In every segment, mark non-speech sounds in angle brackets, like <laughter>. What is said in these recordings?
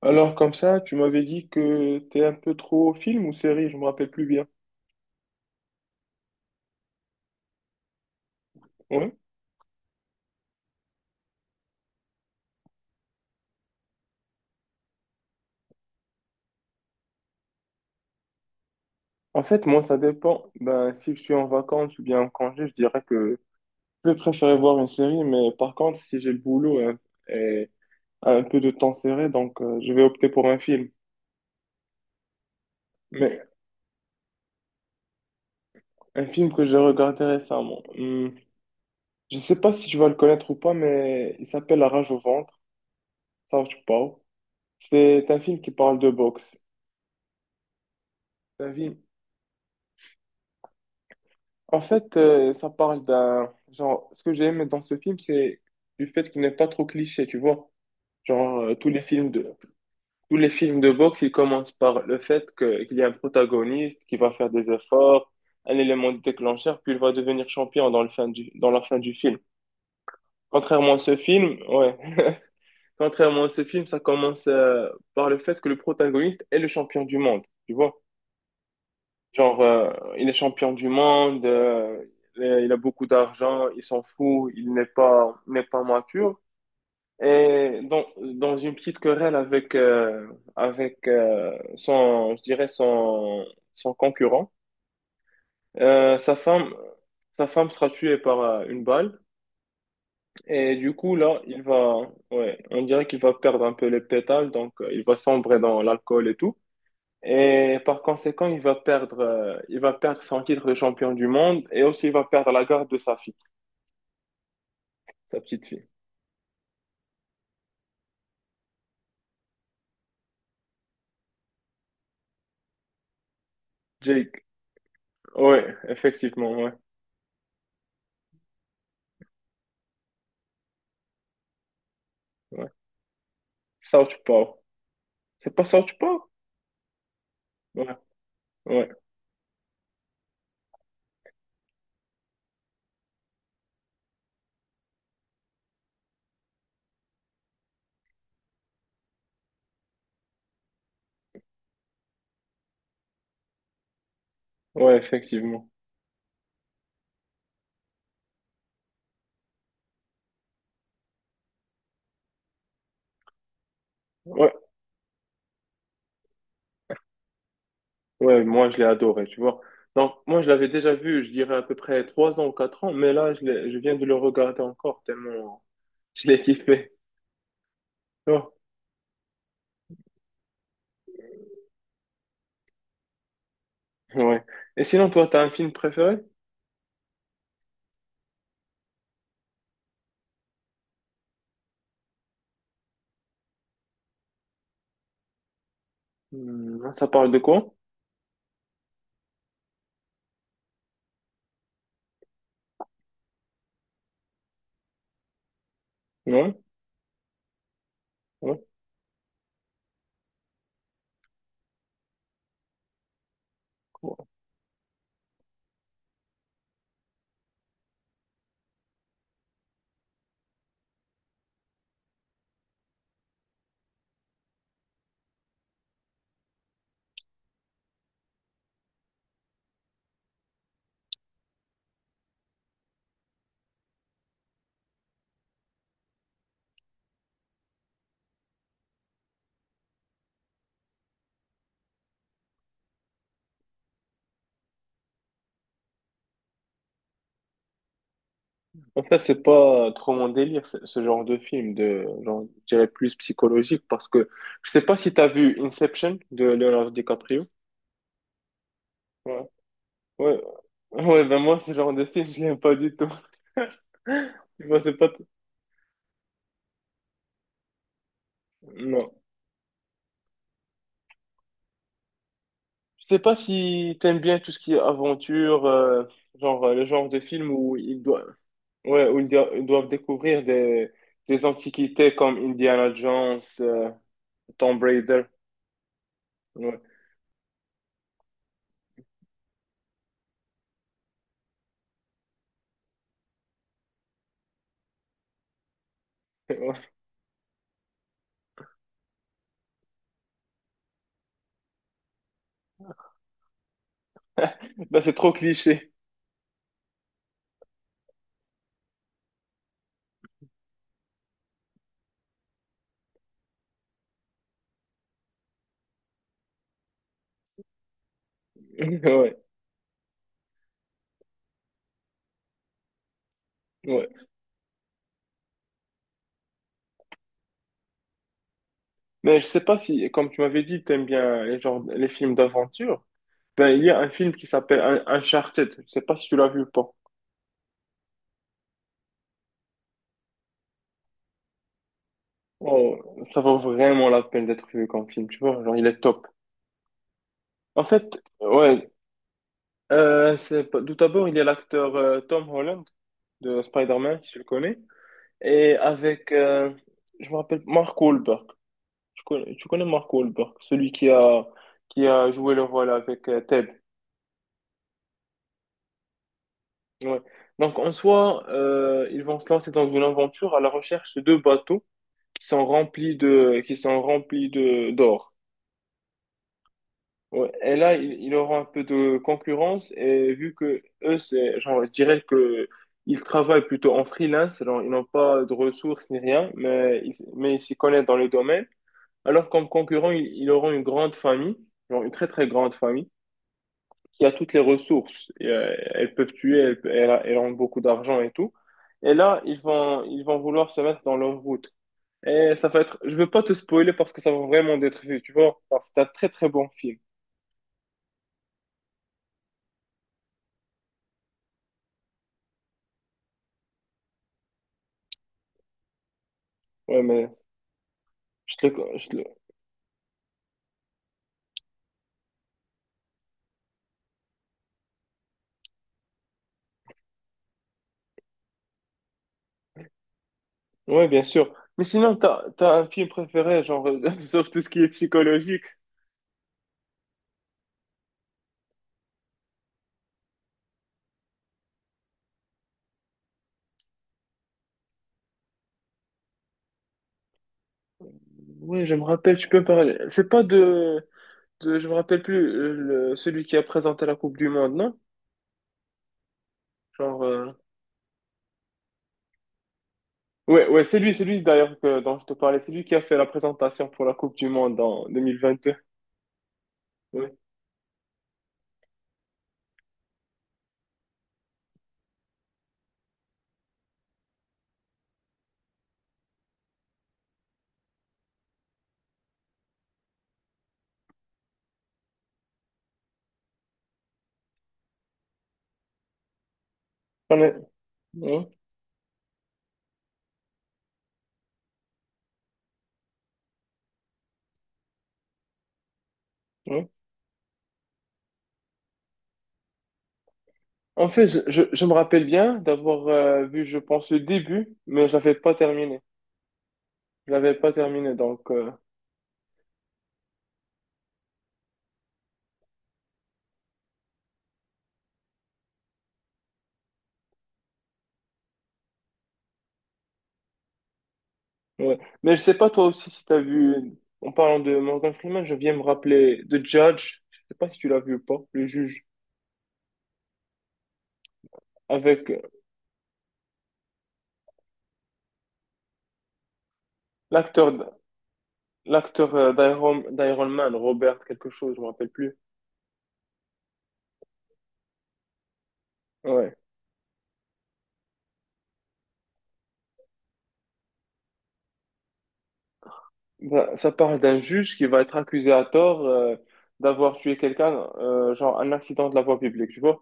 Alors, comme ça, tu m'avais dit que t'es un peu trop film ou série, je me rappelle plus bien. Ouais. En fait, moi, ça dépend. Ben, si je suis en vacances ou bien en congé, je dirais que je vais préférer voir une série, mais par contre, si j'ai le boulot et un peu de temps serré, donc je vais opter pour un film. Mais un film que j'ai regardé récemment. Hmm, je sais pas si tu vas le connaître ou pas, mais il s'appelle La Rage au ventre, South Park. C'est un film qui parle de boxe. C'est un film. En fait, ça parle d'un genre. Ce que j'ai aimé dans ce film, c'est du fait qu'il n'est pas trop cliché, tu vois. Genre tous les films de tous les films de boxe, ils commencent par le fait que qu'il y a un protagoniste qui va faire des efforts, un élément déclencheur, puis il va devenir champion dans le fin du dans la fin du film. Contrairement à ce film, ouais. <laughs> Contrairement à ce film, ça commence par le fait que le protagoniste est le champion du monde, tu vois. Genre, il est champion du monde, il a beaucoup d'argent, il s'en fout, il n'est pas mature. Et dans une petite querelle avec, son, son concurrent, euh, sa femme, sa femme sera tuée par une balle. Et du coup, là, ouais, on dirait qu'il va perdre un peu les pétales, donc il va sombrer dans l'alcool et tout. Et par conséquent, il va perdre son titre de champion du monde et aussi il va perdre la garde de sa fille, sa petite fille. Jake. Ouais, effectivement, ouais, ouais. South Park. C'est pas South Park? Ouais, ouais, ouais, effectivement. Ouais, ouais, moi je l'ai adoré, tu vois. Donc, moi je l'avais déjà vu, je dirais à peu près 3 ans ou 4 ans, mais là je viens de le regarder encore tellement je l'ai kiffé. Ouais. Et sinon, toi, t'as un film préféré? Hmm, ça parle de quoi? Non. Ouais. En fait, c'est pas trop mon délire, ce genre de film, de, genre, je dirais plus psychologique, parce que je sais pas si t'as vu Inception de Leonardo DiCaprio. Ouais. Ouais. Ouais, ben moi, ce genre de film, <laughs> je l'aime pas du tout. <laughs> Moi, c'est pas... t- Non. Je sais pas si t'aimes bien tout ce qui est aventure, genre le genre de film où ils doivent, ouais, où ils doivent découvrir des antiquités comme Indiana Jones, Tomb Raider. Ouais. <laughs> Là, c'est trop cliché. <laughs> Ouais, ouais. Mais je sais pas si, comme tu m'avais dit, t'aimes bien les genres, les films d'aventure. Ben, il y a un film qui s'appelle Uncharted. Je sais pas si tu l'as vu ou pas. Oh, ça vaut vraiment la peine d'être vu comme film, tu vois. Genre, il est top. En fait, ouais, c'est pas- tout d'abord, il y a l'acteur Tom Holland de Spider-Man, si tu le connais. Et avec, je me rappelle, Mark Wahlberg. Tu connais Mark Wahlberg, qui a joué le rôle avec Ted. Ouais. Donc, en soi, ils vont se lancer dans une aventure à la recherche de deux bateaux qui sont qui sont remplis d'or. Ouais, et là, il aura un peu de concurrence et vu que eux, c'est, genre, je dirais que ils travaillent plutôt en freelance, genre, ils n'ont pas de ressources ni rien, mais ils s'y connaissent dans le domaine. Alors comme concurrent, ils auront une grande famille, genre une très très grande famille, qui a toutes les ressources. Et, elles peuvent tuer, elles ont beaucoup d'argent et tout. Et là, ils vont vouloir se mettre dans leur route. Et ça va être, je veux pas te spoiler parce que ça va vraiment d'être vu, tu vois. Alors, c'est un très très bon film. Ouais, mais Je te le, je te le- Ouais, bien sûr. Mais sinon, t'as un film préféré, genre, <laughs> sauf tout ce qui est psychologique. Ouais, je me rappelle, tu peux me parler. C'est pas de, de, je me rappelle plus, celui qui a présenté la Coupe du Monde, non? Genre, ouais, ouais, c'est lui d'ailleurs que, dont je te parlais. C'est lui qui a fait la présentation pour la Coupe du Monde en 2022. Ouais. On est- ouais, ouais. En fait, je me rappelle bien d'avoir vu, je pense, le début, mais je l'avais pas terminé. Je l'avais pas terminé, Ouais. Mais je sais pas toi aussi si t'as vu, en parlant de Morgan Freeman, je viens me rappeler de Judge, je sais pas si tu l'as vu ou pas, le juge, avec l'acteur l'acteur d'Iron Man, Robert quelque chose, je me rappelle plus. Ouais. Bah, ça parle d'un juge qui va être accusé à tort d'avoir tué quelqu'un, genre un accident de la voie publique, tu vois.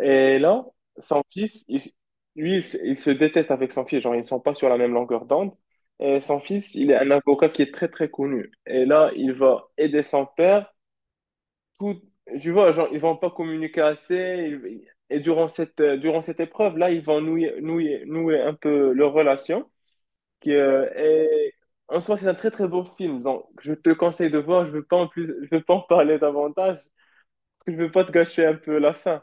Et là, son fils, il- lui, il se déteste avec son fils. Genre, ils ne sont pas sur la même longueur d'onde. Et son fils, il est un avocat qui est très, très connu. Et là, il va aider son père. Tout, tu vois, genre, ils vont pas communiquer assez. Et durant cette épreuve, là, ils vont nouer un peu leur relation. Qui, euh, est- En soi, c'est un très, très beau film. Donc, je te conseille de voir. Je veux pas en parler davantage. Parce que je veux pas te gâcher un peu la fin.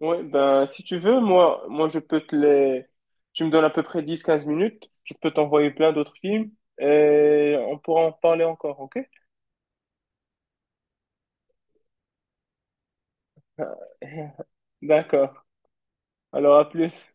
Ouais, ben, si tu veux, moi, je peux te les. Tu me donnes à peu près dix quinze minutes. Je peux t'envoyer plein d'autres films et on pourra en parler encore, ok? <laughs> D'accord. Alors, à plus.